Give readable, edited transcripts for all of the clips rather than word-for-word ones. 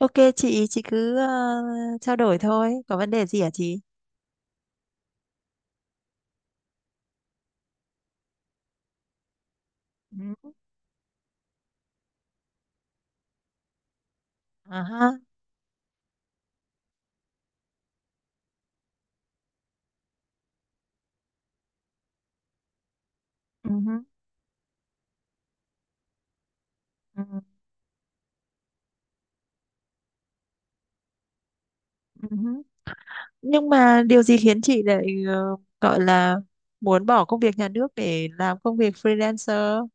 Ok chị cứ trao đổi thôi. Có vấn đề gì hả chị? Ừ. À ha. Ừ hứ. Ừ. Ừ hứ. Nhưng mà điều gì khiến chị lại gọi là muốn bỏ công việc nhà nước để làm công việc freelancer?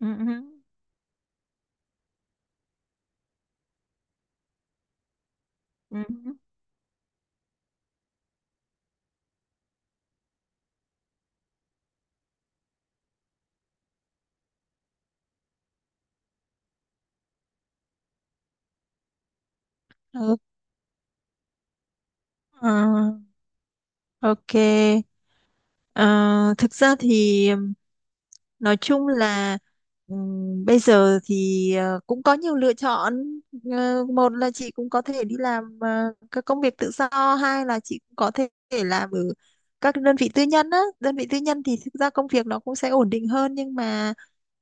Ừ, ừ. Ừ hứ. Ừ. Ờ, ok. Ờ, Thực ra thì nói chung là bây giờ thì cũng có nhiều lựa chọn. Ờ, một là chị cũng có thể đi làm các công việc tự do, hai là chị cũng có thể thể làm ở các đơn vị tư nhân á. Đơn vị tư nhân thì thực ra công việc nó cũng sẽ ổn định hơn nhưng mà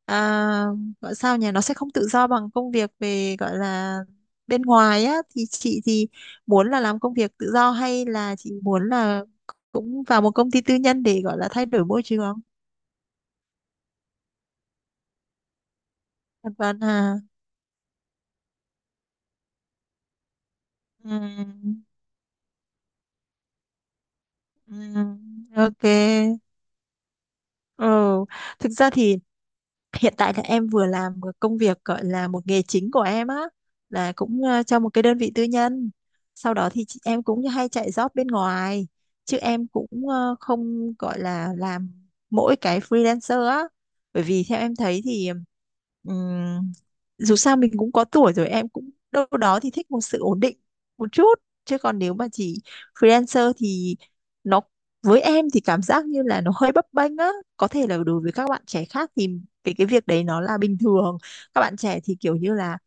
à, gọi sao nhỉ, nó sẽ không tự do bằng công việc về gọi là bên ngoài á. Thì chị thì muốn là làm công việc tự do hay là chị muốn là cũng vào một công ty tư nhân để gọi là thay đổi môi trường không? Hoàn toàn à. Ừm. Ừm, ok. Ừ. Thực ra thì hiện tại là em vừa làm một công việc gọi là một nghề chính của em á là cũng cho một cái đơn vị tư nhân, sau đó thì em cũng hay chạy job bên ngoài, chứ em cũng không gọi là làm mỗi cái freelancer á, bởi vì theo em thấy thì ừm, dù sao mình cũng có tuổi rồi, em cũng đâu đó thì thích một sự ổn định một chút. Chứ còn nếu mà chỉ freelancer thì nó với em thì cảm giác như là nó hơi bấp bênh á. Có thể là đối với các bạn trẻ khác thì cái việc đấy nó là bình thường, các bạn trẻ thì kiểu như là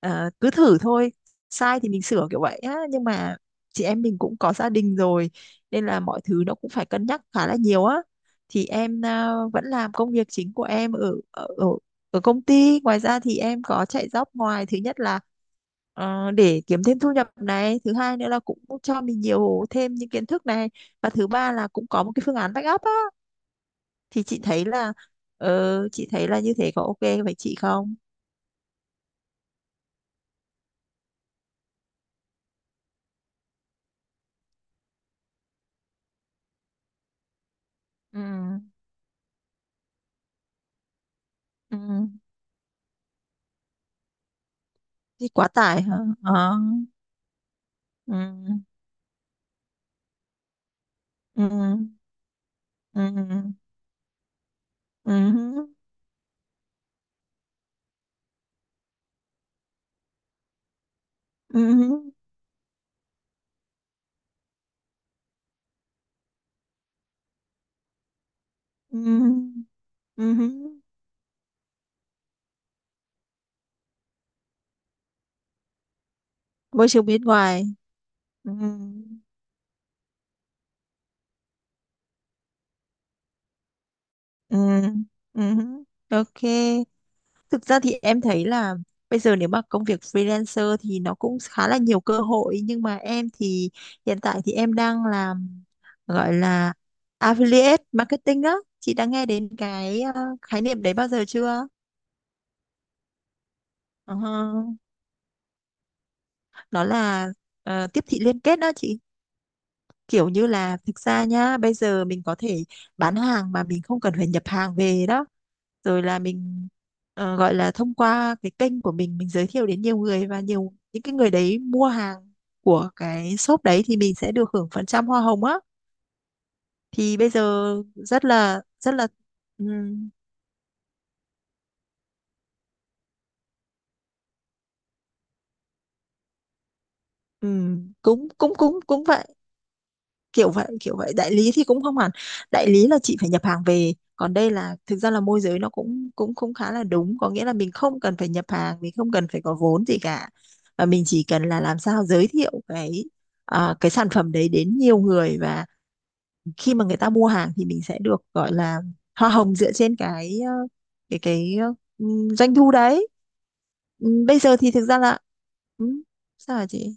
cứ thử thôi, sai thì mình sửa kiểu vậy á. Nhưng mà chị em mình cũng có gia đình rồi, nên là mọi thứ nó cũng phải cân nhắc khá là nhiều á. Thì em vẫn làm công việc chính của em ở ở, ở ở công ty, ngoài ra thì em có chạy job ngoài. Thứ nhất là để kiếm thêm thu nhập này, thứ hai nữa là cũng cho mình nhiều thêm những kiến thức này, và thứ ba là cũng có một cái phương án backup á. Thì chị thấy là chị thấy là như thế có ok với chị không? Ừ, ừ, thì quá tải hả? Ờ. Ừ, ừ, ừ, ừ, ừ, ừ, ừ. Môi trường bên ngoài. Ừ, ừ, ừ, ok. Thực ra thì em thấy là bây giờ nếu mà công việc freelancer thì nó cũng khá là nhiều cơ hội, nhưng mà em thì hiện tại thì em đang làm gọi là affiliate marketing á. Chị đã nghe đến cái khái niệm đấy bao giờ chưa? Ờ, nó là tiếp thị liên kết đó chị. Kiểu như là thực ra nhá, bây giờ mình có thể bán hàng mà mình không cần phải nhập hàng về đó, rồi là mình gọi là thông qua cái kênh của mình giới thiệu đến nhiều người, và nhiều những cái người đấy mua hàng của cái shop đấy thì mình sẽ được hưởng phần trăm hoa hồng á. Thì bây giờ rất là ừm, cũng cũng cũng cũng vậy. Kiểu vậy kiểu vậy. Đại lý thì cũng không hẳn, đại lý là chị phải nhập hàng về, còn đây là thực ra là môi giới, nó cũng cũng cũng khá là đúng. Có nghĩa là mình không cần phải nhập hàng, mình không cần phải có vốn gì cả, và mình chỉ cần là làm sao giới thiệu cái sản phẩm đấy đến nhiều người, và khi mà người ta mua hàng thì mình sẽ được gọi là hoa hồng dựa trên cái ờ, doanh thu đấy. Bây giờ thì thực ra là ừm, sao hả chị?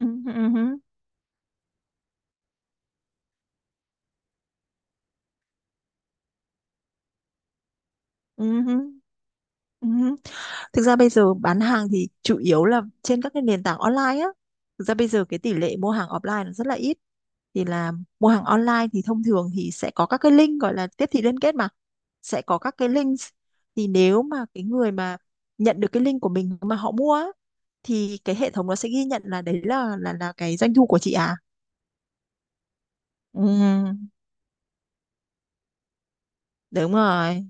Ừm, ừm, ừm, ừm, ừm. Thực ra bây giờ bán hàng thì chủ yếu là trên các cái nền tảng online á. Thực ra bây giờ cái tỷ lệ mua hàng offline nó rất là ít. Thì là mua hàng online thì thông thường thì sẽ có các cái link gọi là tiếp thị liên kết mà. Sẽ có các cái links. Thì nếu mà cái người mà nhận được cái link của mình mà họ mua á, thì cái hệ thống nó sẽ ghi nhận là đấy là cái doanh thu của chị à. Ừ, đúng rồi.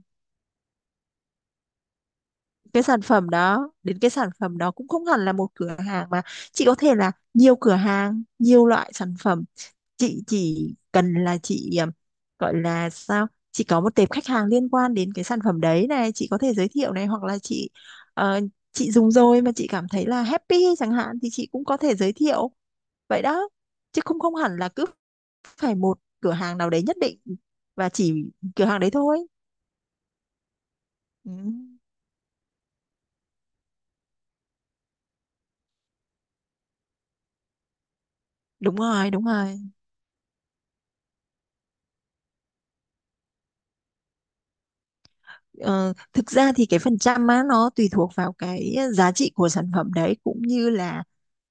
Cái sản phẩm đó, đến cái sản phẩm đó cũng không hẳn là một cửa hàng, mà chị có thể là nhiều cửa hàng, nhiều loại sản phẩm. Chị chỉ cần là chị gọi là sao, chị có một tệp khách hàng liên quan đến cái sản phẩm đấy này, chị có thể giới thiệu này, hoặc là chị ờ, chị dùng rồi mà chị cảm thấy là happy chẳng hạn thì chị cũng có thể giới thiệu, vậy đó. Chứ không không hẳn là cứ phải một cửa hàng nào đấy nhất định và chỉ cửa hàng đấy thôi. Ừ, đúng rồi đúng rồi. Ờ, thực ra thì cái phần trăm á nó tùy thuộc vào cái giá trị của sản phẩm đấy, cũng như là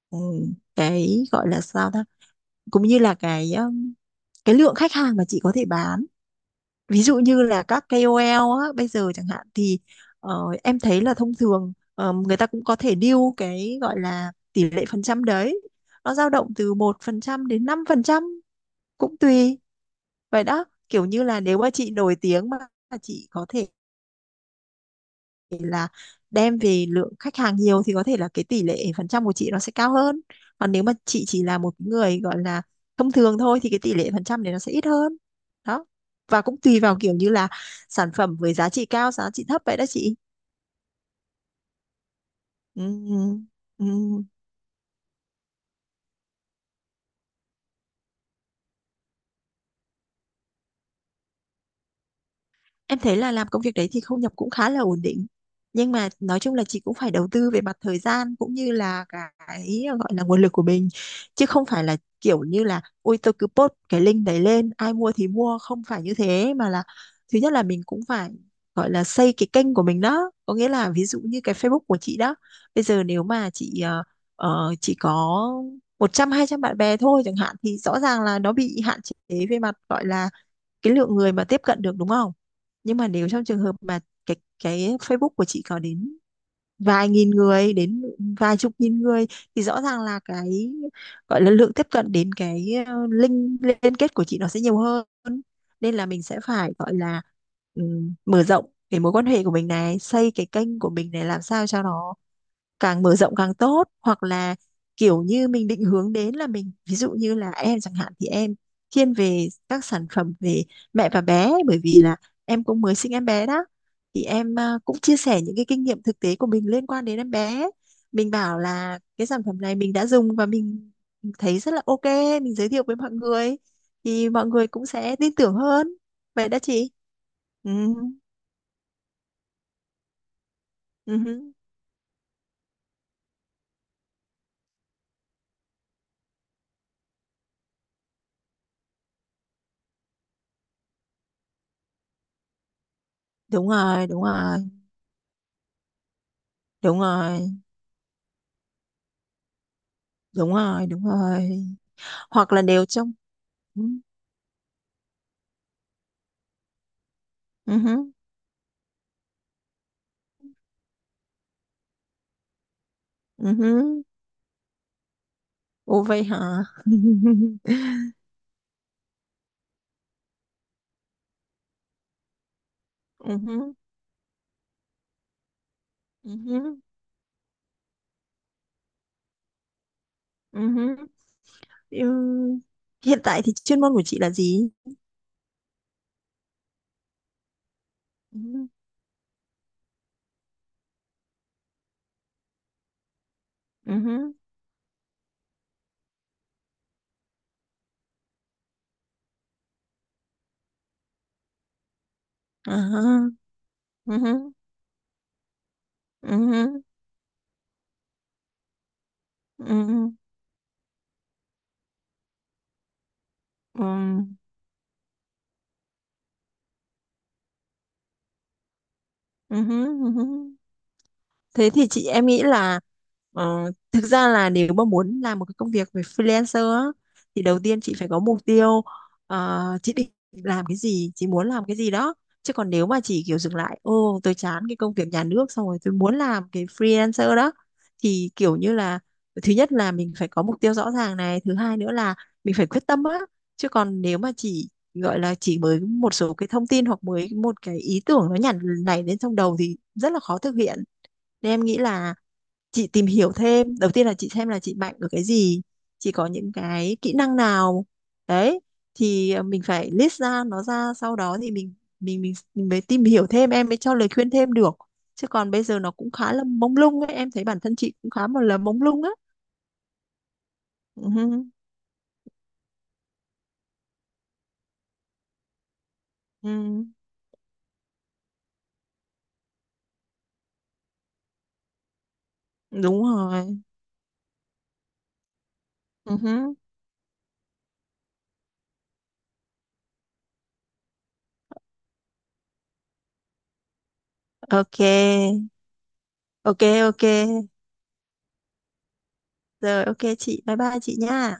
ừ, cái gọi là sao ta, cũng như là cái lượng khách hàng mà chị có thể bán. Ví dụ như là các KOL á, bây giờ chẳng hạn thì em thấy là thông thường người ta cũng có thể deal cái gọi là tỷ lệ phần trăm đấy, nó dao động từ một phần trăm đến năm phần trăm. Cũng tùy, vậy đó. Kiểu như là nếu mà chị nổi tiếng mà chị có thể thể là đem về lượng khách hàng nhiều thì có thể là cái tỷ lệ phần trăm của chị nó sẽ cao hơn. Còn nếu mà chị chỉ là một người gọi là thông thường thôi thì cái tỷ lệ phần trăm đấy nó sẽ ít hơn đó. Và cũng tùy vào kiểu như là sản phẩm với giá trị cao giá trị thấp, vậy đó chị. Ừ, ừ. Em thấy là làm công việc đấy thì thu nhập cũng khá là ổn định. Nhưng mà nói chung là chị cũng phải đầu tư về mặt thời gian cũng như là cái gọi là nguồn lực của mình. Chứ không phải là kiểu như là ôi tôi cứ post cái link đấy lên, ai mua thì mua, không phải như thế, mà là thứ nhất là mình cũng phải gọi là xây cái kênh của mình đó. Có nghĩa là ví dụ như cái Facebook của chị đó. Bây giờ nếu mà chị chỉ có một trăm hai trăm bạn bè thôi chẳng hạn thì rõ ràng là nó bị hạn chế về mặt gọi là cái lượng người mà tiếp cận được đúng không? Nhưng mà nếu trong trường hợp mà cái cái Facebook của chị có đến vài nghìn người đến vài chục nghìn người, thì rõ ràng là cái gọi là lượng tiếp cận đến cái link liên kết của chị nó sẽ nhiều hơn. Nên là mình sẽ phải gọi là mở rộng cái mối quan hệ của mình này, xây cái kênh của mình này, làm sao cho nó càng mở rộng càng tốt, hoặc là kiểu như mình định hướng đến là mình, ví dụ như là em chẳng hạn thì em thiên về các sản phẩm về mẹ và bé, bởi vì là em cũng mới sinh em bé đó, thì em cũng chia sẻ những cái kinh nghiệm thực tế của mình liên quan đến em bé, mình bảo là cái sản phẩm này mình đã dùng và mình thấy rất là ok, mình giới thiệu với mọi người thì mọi người cũng sẽ tin tưởng hơn, vậy đó chị. Ừ, ừ, đúng rồi đúng rồi đúng rồi đúng rồi đúng rồi. Hoặc là đều trong. Ừ. Ừ hứ, ừ hứ. Ủa vậy hả? Ừ hứ, ừ hứ, ừ hứ. Ừ, hiện tại thì chuyên môn của chị là gì? Ừ hứ, ừ hứ, à ha, ừ hứ, ừ hứ, ừ hứ, ừ, ừ hứ, ừ hứ. Thế thì chị em nghĩ là thực ra là nếu mà muốn làm một cái công việc về freelancer á, thì đầu tiên chị phải có mục tiêu, chị định làm cái gì, chị muốn làm cái gì đó. Chứ còn nếu mà chỉ kiểu dừng lại, ô tôi chán cái công việc nhà nước xong rồi tôi muốn làm cái freelancer đó, thì kiểu như là thứ nhất là mình phải có mục tiêu rõ ràng này, thứ hai nữa là mình phải quyết tâm á. Chứ còn nếu mà chỉ gọi là chỉ mới một số cái thông tin hoặc mới một cái ý tưởng nó nảy lên trong đầu thì rất là khó thực hiện. Nên em nghĩ là chị tìm hiểu thêm, đầu tiên là chị xem là chị mạnh ở cái gì, chị có những cái kỹ năng nào. Đấy, thì mình phải list ra nó ra, sau đó thì mình mới tìm hiểu thêm, em mới cho lời khuyên thêm được. Chứ còn bây giờ nó cũng khá là mông lung ấy, em thấy bản thân chị cũng khá là mông lung á. Ừ, ừ, đúng rồi. Ừ, ok. Ok ok. Rồi ok chị, bye bye chị nha.